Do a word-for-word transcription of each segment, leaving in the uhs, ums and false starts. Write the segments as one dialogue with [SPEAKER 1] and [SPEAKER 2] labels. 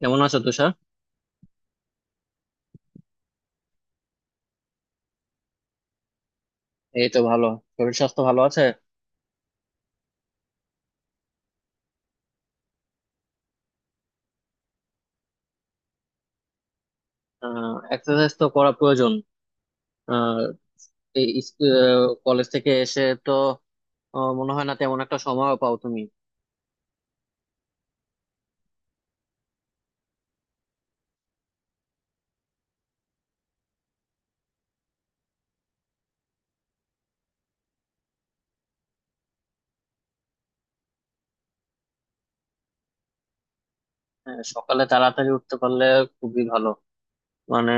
[SPEAKER 1] কেমন আছো তুষার? এই তো ভালো, শরীর স্বাস্থ্য ভালো আছে। আহ এক্সারসাইজ তো করা প্রয়োজন। আহ এই ইস- আহ, কলেজ থেকে এসে তো আহ, মনে হয় না তেমন একটা সময় পাও তুমি। আহ, সকালে তাড়াতাড়ি উঠতে পারলে খুবই ভালো। মানে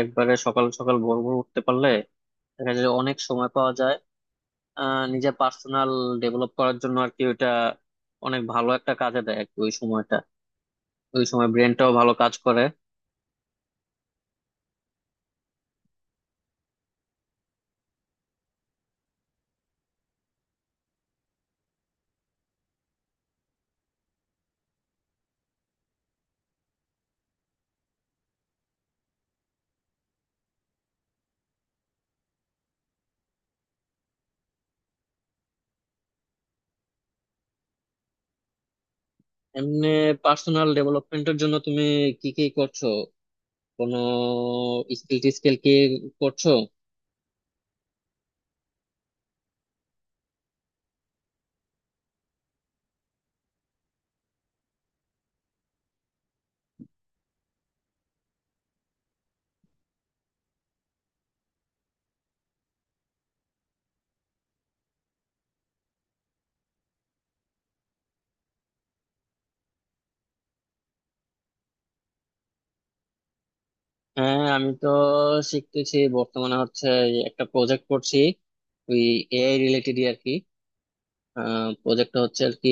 [SPEAKER 1] একবারে সকাল সকাল ভোর ভোর উঠতে পারলে দেখা যায় যে অনেক সময় পাওয়া যায়, আহ নিজের পার্সোনাল ডেভেলপ করার জন্য আর কি। ওইটা অনেক ভালো একটা কাজে দেয় আর কি, ওই সময়টা ওই সময় ব্রেনটাও ভালো কাজ করে। এমনি পার্সোনাল ডেভেলপমেন্টের জন্য তুমি কি কি করছো? কোনো স্কিল টিস্কিল কি করছো? হ্যাঁ, আমি তো শিখতেছি বর্তমানে। হচ্ছে এই, একটা প্রজেক্ট করছি ওই এআই রিলেটেড আর কি। প্রজেক্টটা হচ্ছে আর কি,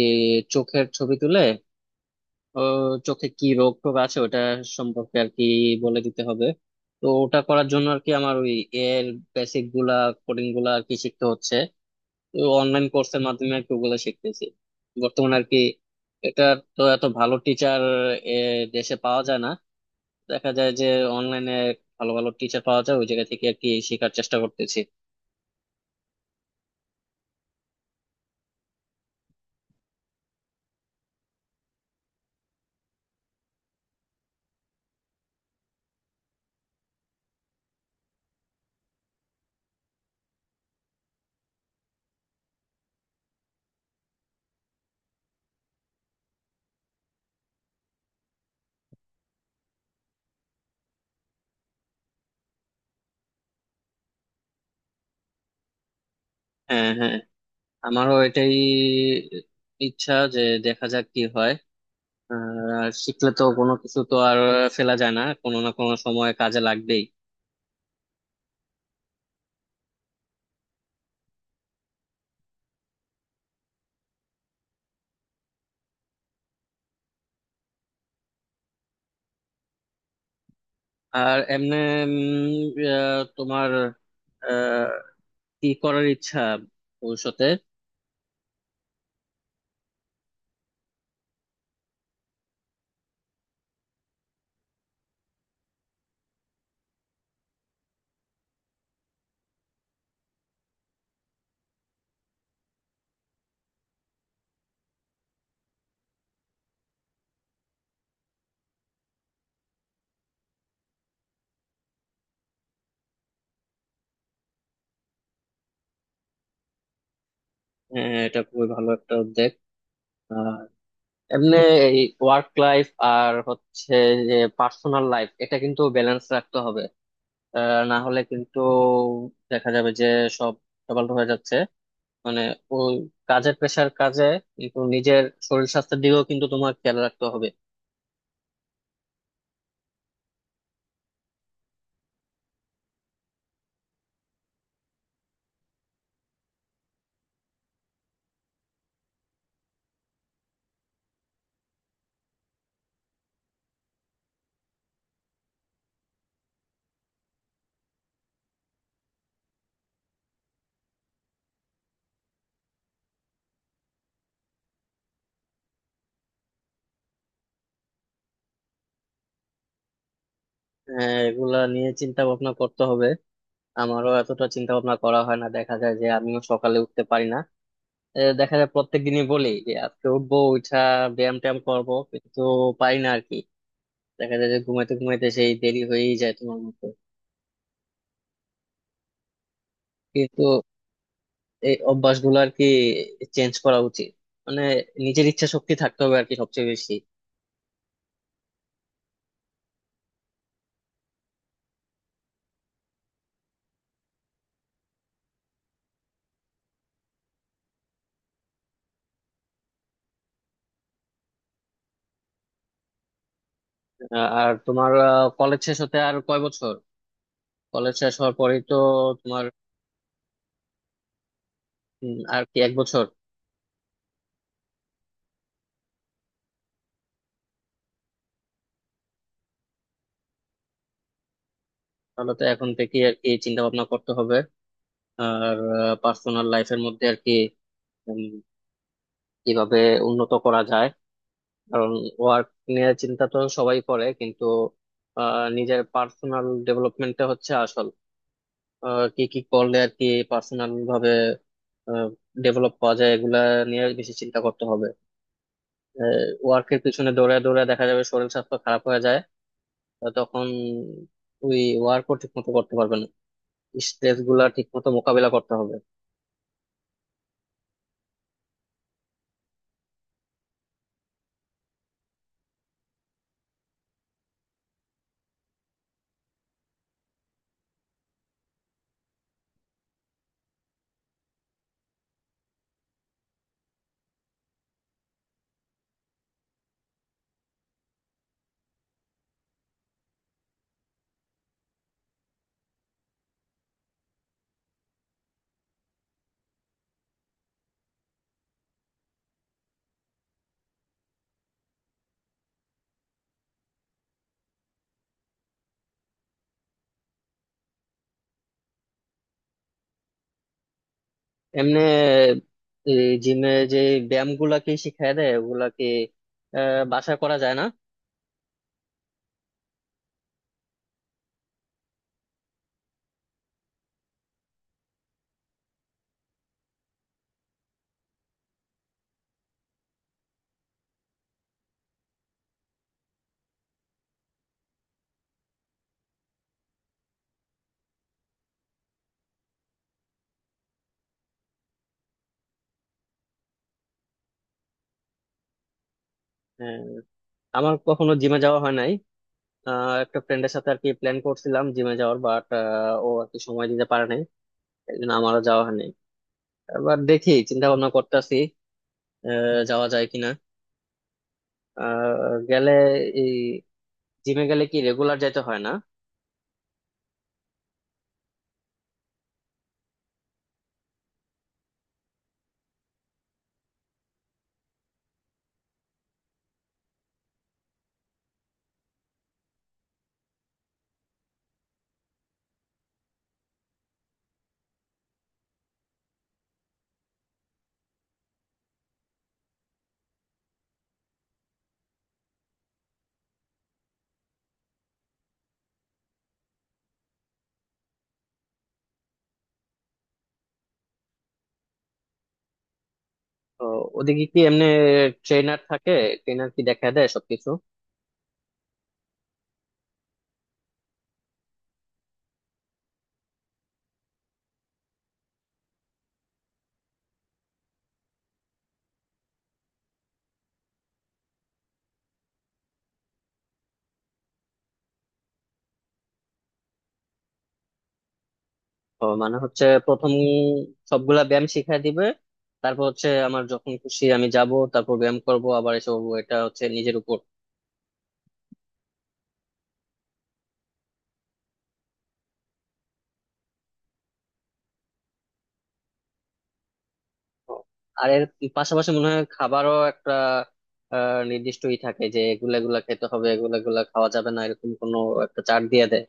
[SPEAKER 1] চোখের ছবি তুলে ও চোখে কি রোগ টোগ আছে ওটা সম্পর্কে আর কি বলে দিতে হবে। তো ওটা করার জন্য আর কি আমার ওই এআই এর বেসিক গুলা, কোডিং গুলা আর কি শিখতে হচ্ছে। অনলাইন কোর্সের মাধ্যমে আর কি ওগুলা শিখতেছি বর্তমানে আর কি। এটা, তো এত ভালো টিচার দেশে পাওয়া যায় না। দেখা যায় যে অনলাইনে ভালো ভালো টিচার পাওয়া যায়, ওই জায়গা থেকে আর কি শেখার চেষ্টা করতেছি। হ্যাঁ হ্যাঁ, আমারও এটাই ইচ্ছা যে দেখা যাক কি হয়। আর শিখলে তো কোনো কিছু তো আর ফেলা যায় না, কোনো না কোনো সময় কাজে লাগবেই। আর এমনি তোমার আহ, কি করার ইচ্ছা ভবিষ্যতে? হ্যাঁ, এটা খুবই ভালো একটা উদ্যোগ। আর এমনি এই ওয়ার্ক লাইফ আর হচ্ছে যে পার্সোনাল লাইফ, এটা কিন্তু ব্যালেন্স রাখতে হবে। আহ, না হলে কিন্তু দেখা যাবে যে সব ডবল হয়ে যাচ্ছে। মানে ওই কাজের প্রেশার কাজে, কিন্তু নিজের শরীর স্বাস্থ্যের দিকেও কিন্তু তোমার খেয়াল রাখতে হবে। আহ, এগুলা নিয়ে চিন্তা ভাবনা করতে হবে। আমারও এতটা চিন্তা ভাবনা করা হয় না, দেখা যায় যে আমিও সকালে উঠতে পারি না। আহ, দেখা যায় প্রত্যেক দিনই বলি যে আজকে উঠবো, উঠা ব্যায়াম ট্যায়াম করবো কিন্তু পারি না আর কি। দেখা যায় যে ঘুমাইতে ঘুমাইতে সেই দেরি হয়েই যায় তোমার মতো। কিন্তু এই অভ্যাসগুলো আর কি চেঞ্জ করা উচিত। মানে নিজের ইচ্ছা শক্তি থাকতে হবে আর কি সবচেয়ে বেশি। আহ, আর তোমার কলেজ শেষ হতে আর কয় বছর? কলেজ শেষ হওয়ার পরেই তো তোমার উম, আর কি এক বছর। তাহলে তো এখন থেকে আর কি চিন্তা ভাবনা করতে হবে। আর পার্সোনাল লাইফের মধ্যে আর কি উম, কিভাবে উন্নত করা যায়। কারণ ওয়ার্ক নিয়ে চিন্তা তো সবাই করে, কিন্তু আহ, নিজের পার্সোনাল ডেভেলপমেন্টটা হচ্ছে আসল। আহ, কি কি করলে আর কি পার্সোনাল ভাবে ডেভেলপ করা যায়, এগুলা নিয়ে বেশি চিন্তা করতে হবে। ওয়ার্কের পিছনে দৌড়ে দৌড়ে দেখা যাবে শরীর স্বাস্থ্য খারাপ হয়ে যায়। আহ, তখন ওই ওয়ার্কও ঠিক মতো করতে পারবে না। স্ট্রেস গুলা ঠিক মতো মোকাবিলা করতে হবে। এমনি জিমে যে ব্যায়াম গুলা কি শিখায় দেয় ওগুলা কি আহ, বাসায় করা যায় না? আহ, আমার কখনো জিমে যাওয়া হয় নাই। আহ, একটা ফ্রেন্ডের সাথে আর কি প্ল্যান করছিলাম জিমে যাওয়ার, বাট ও আর কি সময় দিতে পারে নাই, এই জন্য আমারও যাওয়া হয়নি। এবার দেখি, চিন্তা ভাবনা করতেছি যাওয়া যায় কিনা। আহ, গেলে এই জিমে গেলে কি রেগুলার যাইতে হয় না? তো ওদিকে কি এমনি ট্রেনার থাকে? ট্রেনার কি দেখা দেয় সবকিছু? তো মানে হচ্ছে প্রথম সবগুলা ব্যায়াম শিখাই দিবে, তারপর হচ্ছে আমার যখন খুশি আমি যাব তারপর ব্যায়াম করব আবার এসব, এটা হচ্ছে নিজের উপর। তো আর এর পাশাপাশি মনে হয় খাবারও একটা আহ নির্দিষ্টই থাকে যে এগুলা এগুলা খেতে হবে, এগুলা এগুলা খাওয়া যাবে না, এরকম কোনো একটা চার্ট দিয়ে দেয়।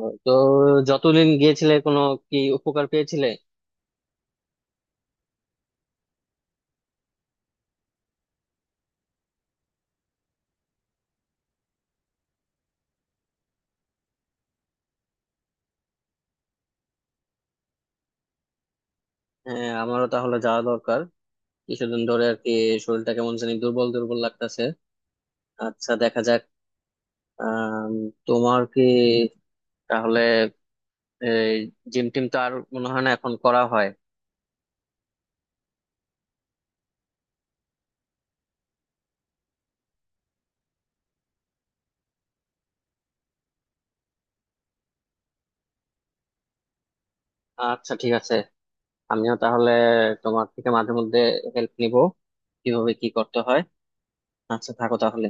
[SPEAKER 1] ও, তো যতদিন গিয়েছিলে কোনো কি উপকার পেয়েছিলে? হ্যাঁ, আমারও তাহলে যাওয়া দরকার। কিছুদিন ধরে আর কি শরীরটা কেমন জানি দুর্বল দুর্বল লাগতেছে। আচ্ছা দেখা যাক। আম, তোমার কি তাহলে জিম টিম তো আর মনে হয় না এখন করা হয়? আচ্ছা ঠিক আছে। আমিও তাহলে তোমার থেকে মাঝে মধ্যে হেল্প নিব কিভাবে কি করতে হয়। আচ্ছা থাকো তাহলে।